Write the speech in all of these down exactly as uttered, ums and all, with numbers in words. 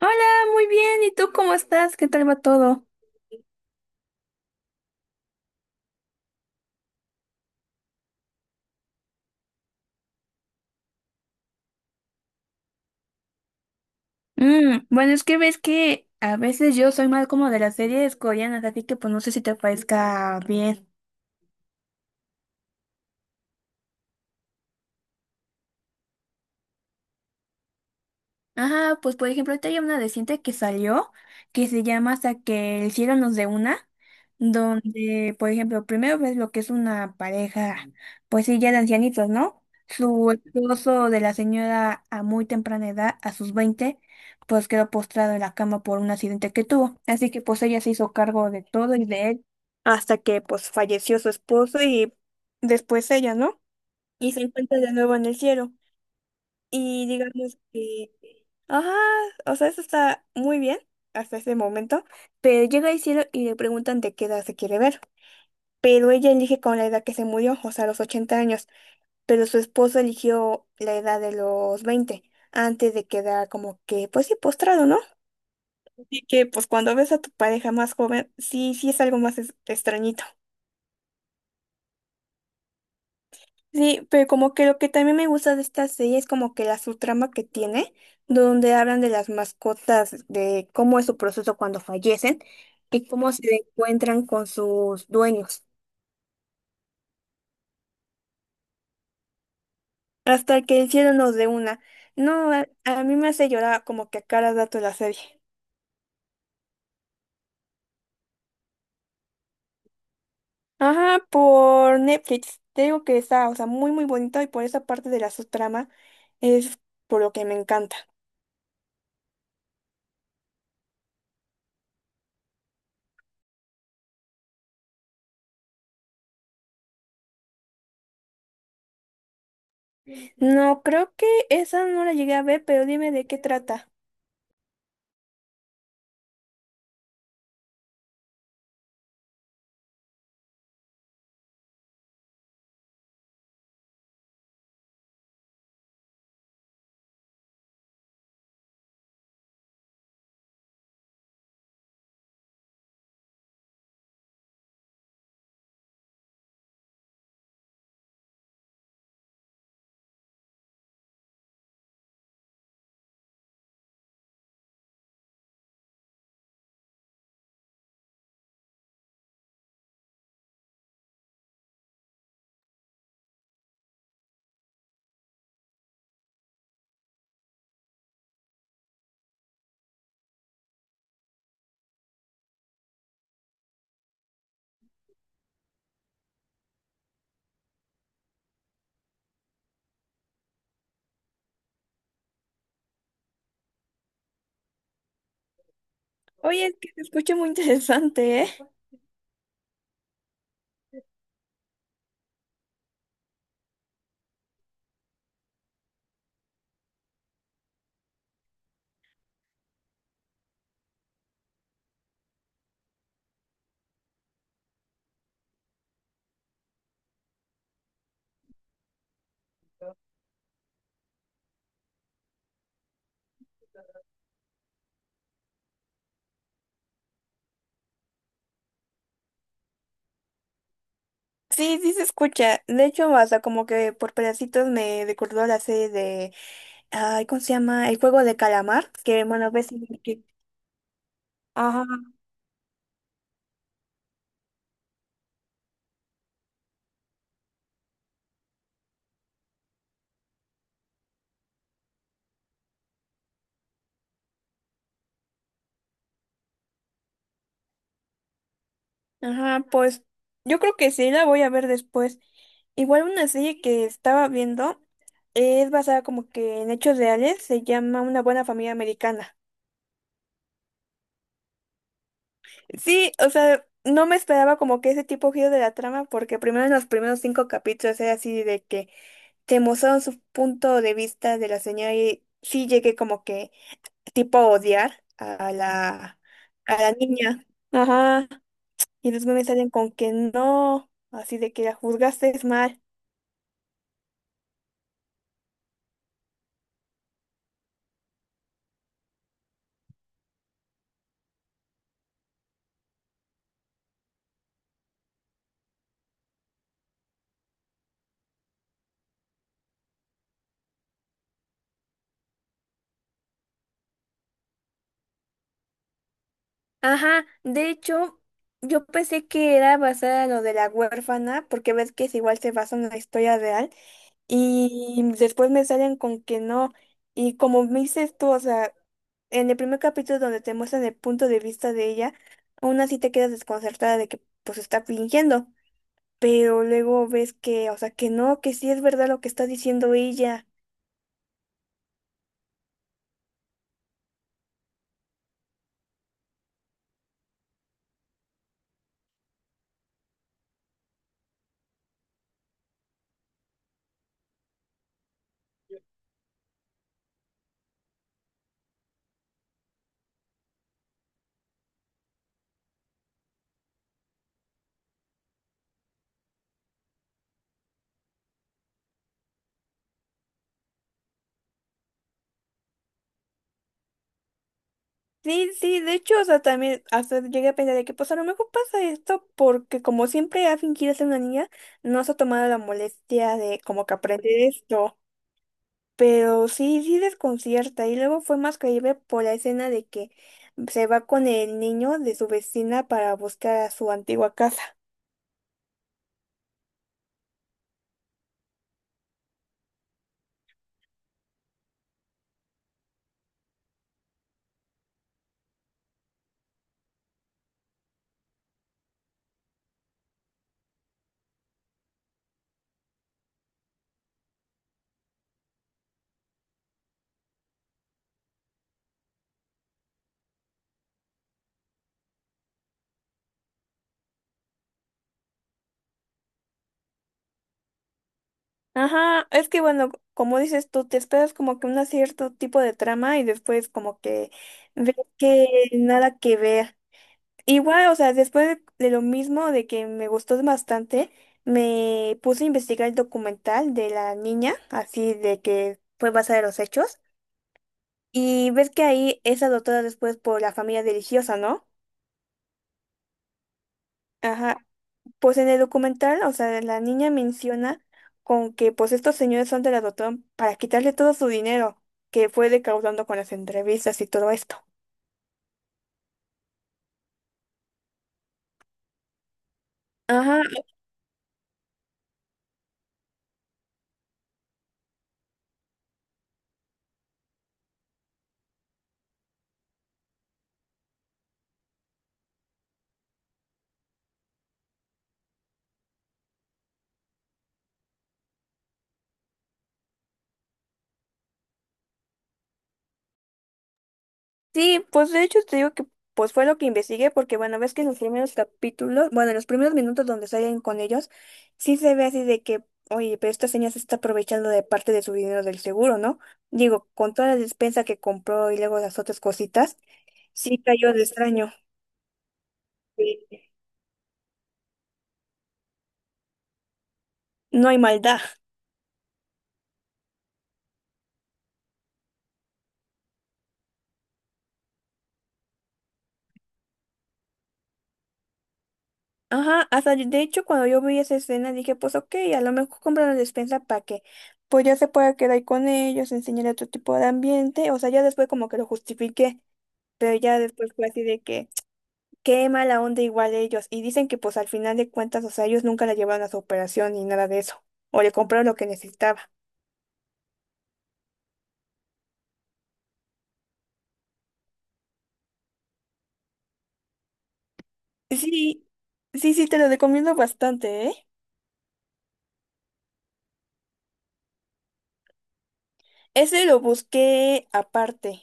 Hola, muy bien. ¿Y tú cómo estás? ¿Qué tal va todo? Mm, bueno, es que ves que a veces yo soy más como de las series coreanas, así que pues no sé si te parezca bien. Ajá, pues por ejemplo, ahorita hay una reciente que salió que se llama Hasta que el cielo nos dé una, donde, por ejemplo, primero ves lo que es una pareja, pues sí, ya de ancianitos, ¿no? Su esposo de la señora a muy temprana edad, a sus veinte pues quedó postrado en la cama por un accidente que tuvo. Así que pues ella se hizo cargo de todo y de él hasta que pues falleció su esposo y después ella, ¿no? Y se encuentra de nuevo en el cielo. Y digamos que... Ajá, o sea, eso está muy bien hasta ese momento, pero llega el cielo y le preguntan de qué edad se quiere ver, pero ella elige con la edad que se murió, o sea, los ochenta años, pero su esposo eligió la edad de los veinte antes de quedar como que, pues sí, postrado, ¿no? Así que, pues cuando ves a tu pareja más joven, sí, sí es algo más es- extrañito. Sí, pero como que lo que también me gusta de esta serie es como que la subtrama que tiene, donde hablan de las mascotas, de cómo es su proceso cuando fallecen y cómo se encuentran con sus dueños, hasta que el cielo nos dé una. No, a, a mí me hace llorar como que a cada dato la serie. Ajá, por Netflix. Te digo que está, o sea, muy muy bonito y por esa parte de la subtrama es por lo que me encanta. No, creo que esa no la llegué a ver, pero dime de qué trata. Oye, es que se escucha muy interesante, ¿eh? Sí, sí se escucha. De hecho, hasta como que por pedacitos me recordó la serie de, ay, ¿cómo se llama? El juego de calamar, que bueno, ves que... Ajá, ajá, pues yo creo que sí, la voy a ver después. Igual una serie que estaba viendo es basada como que en hechos reales, se llama Una buena familia americana. Sí, o sea, no me esperaba como que ese tipo de giro de la trama, porque primero en los primeros cinco capítulos era así de que te mostraron su punto de vista de la señora y sí llegué como que tipo a odiar a la, a la niña. Ajá. Y los memes salen con que no, así de que la juzgaste es mal. Ajá, de hecho, yo pensé que era basada en lo de la huérfana, porque ves que es igual se basa en la historia real, y después me salen con que no, y como me dices tú, o sea, en el primer capítulo donde te muestran el punto de vista de ella, aún así te quedas desconcertada de que pues está fingiendo, pero luego ves que, o sea, que no, que sí es verdad lo que está diciendo ella. Sí, sí, de hecho, o sea, también hasta llegué a pensar de que pues a lo mejor pasa esto porque como siempre ha fingido ser una niña, no se ha tomado la molestia de como que aprender esto. Pero sí, sí desconcierta. Y luego fue más creíble por la escena de que se va con el niño de su vecina para buscar a su antigua casa. Ajá, es que bueno, como dices tú, te esperas como que un cierto tipo de trama y después como que ves que nada que ver. Igual, o sea, después de lo mismo, de que me gustó bastante, me puse a investigar el documental de la niña, así de que fue basada en los hechos. Y ves que ahí es adoptada después por la familia religiosa, ¿no? Ajá. Pues en el documental, o sea, la niña menciona con que pues estos señores son de la adoptaron para quitarle todo su dinero que fue recaudando con las entrevistas y todo esto. Ajá, sí, pues de hecho te digo que pues fue lo que investigué porque bueno, ves que en los primeros capítulos, bueno, en los primeros minutos donde salen con ellos, sí se ve así de que, oye, pero esta señora se está aprovechando de parte de su dinero del seguro, ¿no? Digo, con toda la despensa que compró y luego las otras cositas, sí cayó de extraño. Sí. No hay maldad. Ajá, hasta yo- de hecho cuando yo vi esa escena dije, pues ok, a lo mejor compra la despensa para que pues ya se pueda quedar ahí con ellos, enseñar otro tipo de ambiente, o sea, ya después como que lo justifiqué. Pero ya después fue así de que, qué mala onda igual ellos. Y dicen que pues al final de cuentas, o sea, ellos nunca la llevaron a su operación ni nada de eso. O le compraron lo que necesitaba. Sí, sí, sí, te lo recomiendo bastante, ¿eh? Ese lo busqué aparte.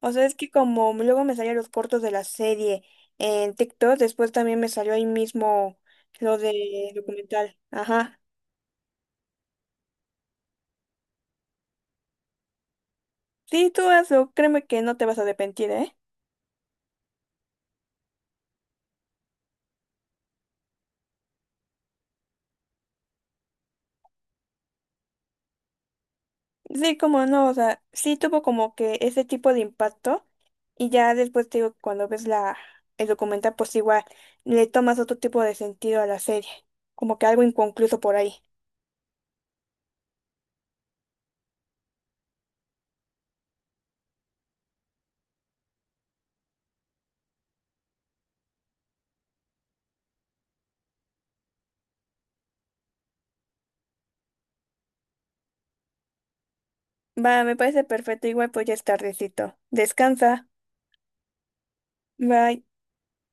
O sea, es que como luego me salían los cortos de la serie en TikTok, después también me salió ahí mismo lo de documental. Ajá. Sí, tú hazlo, créeme que no te vas a arrepentir, ¿eh? Sí, como no, o sea, sí tuvo como que ese tipo de impacto y ya después te digo, cuando ves la, el documental, pues igual le tomas otro tipo de sentido a la serie, como que algo inconcluso por ahí. Va, me parece perfecto, igual pues ya es tardecito. Descansa, bye.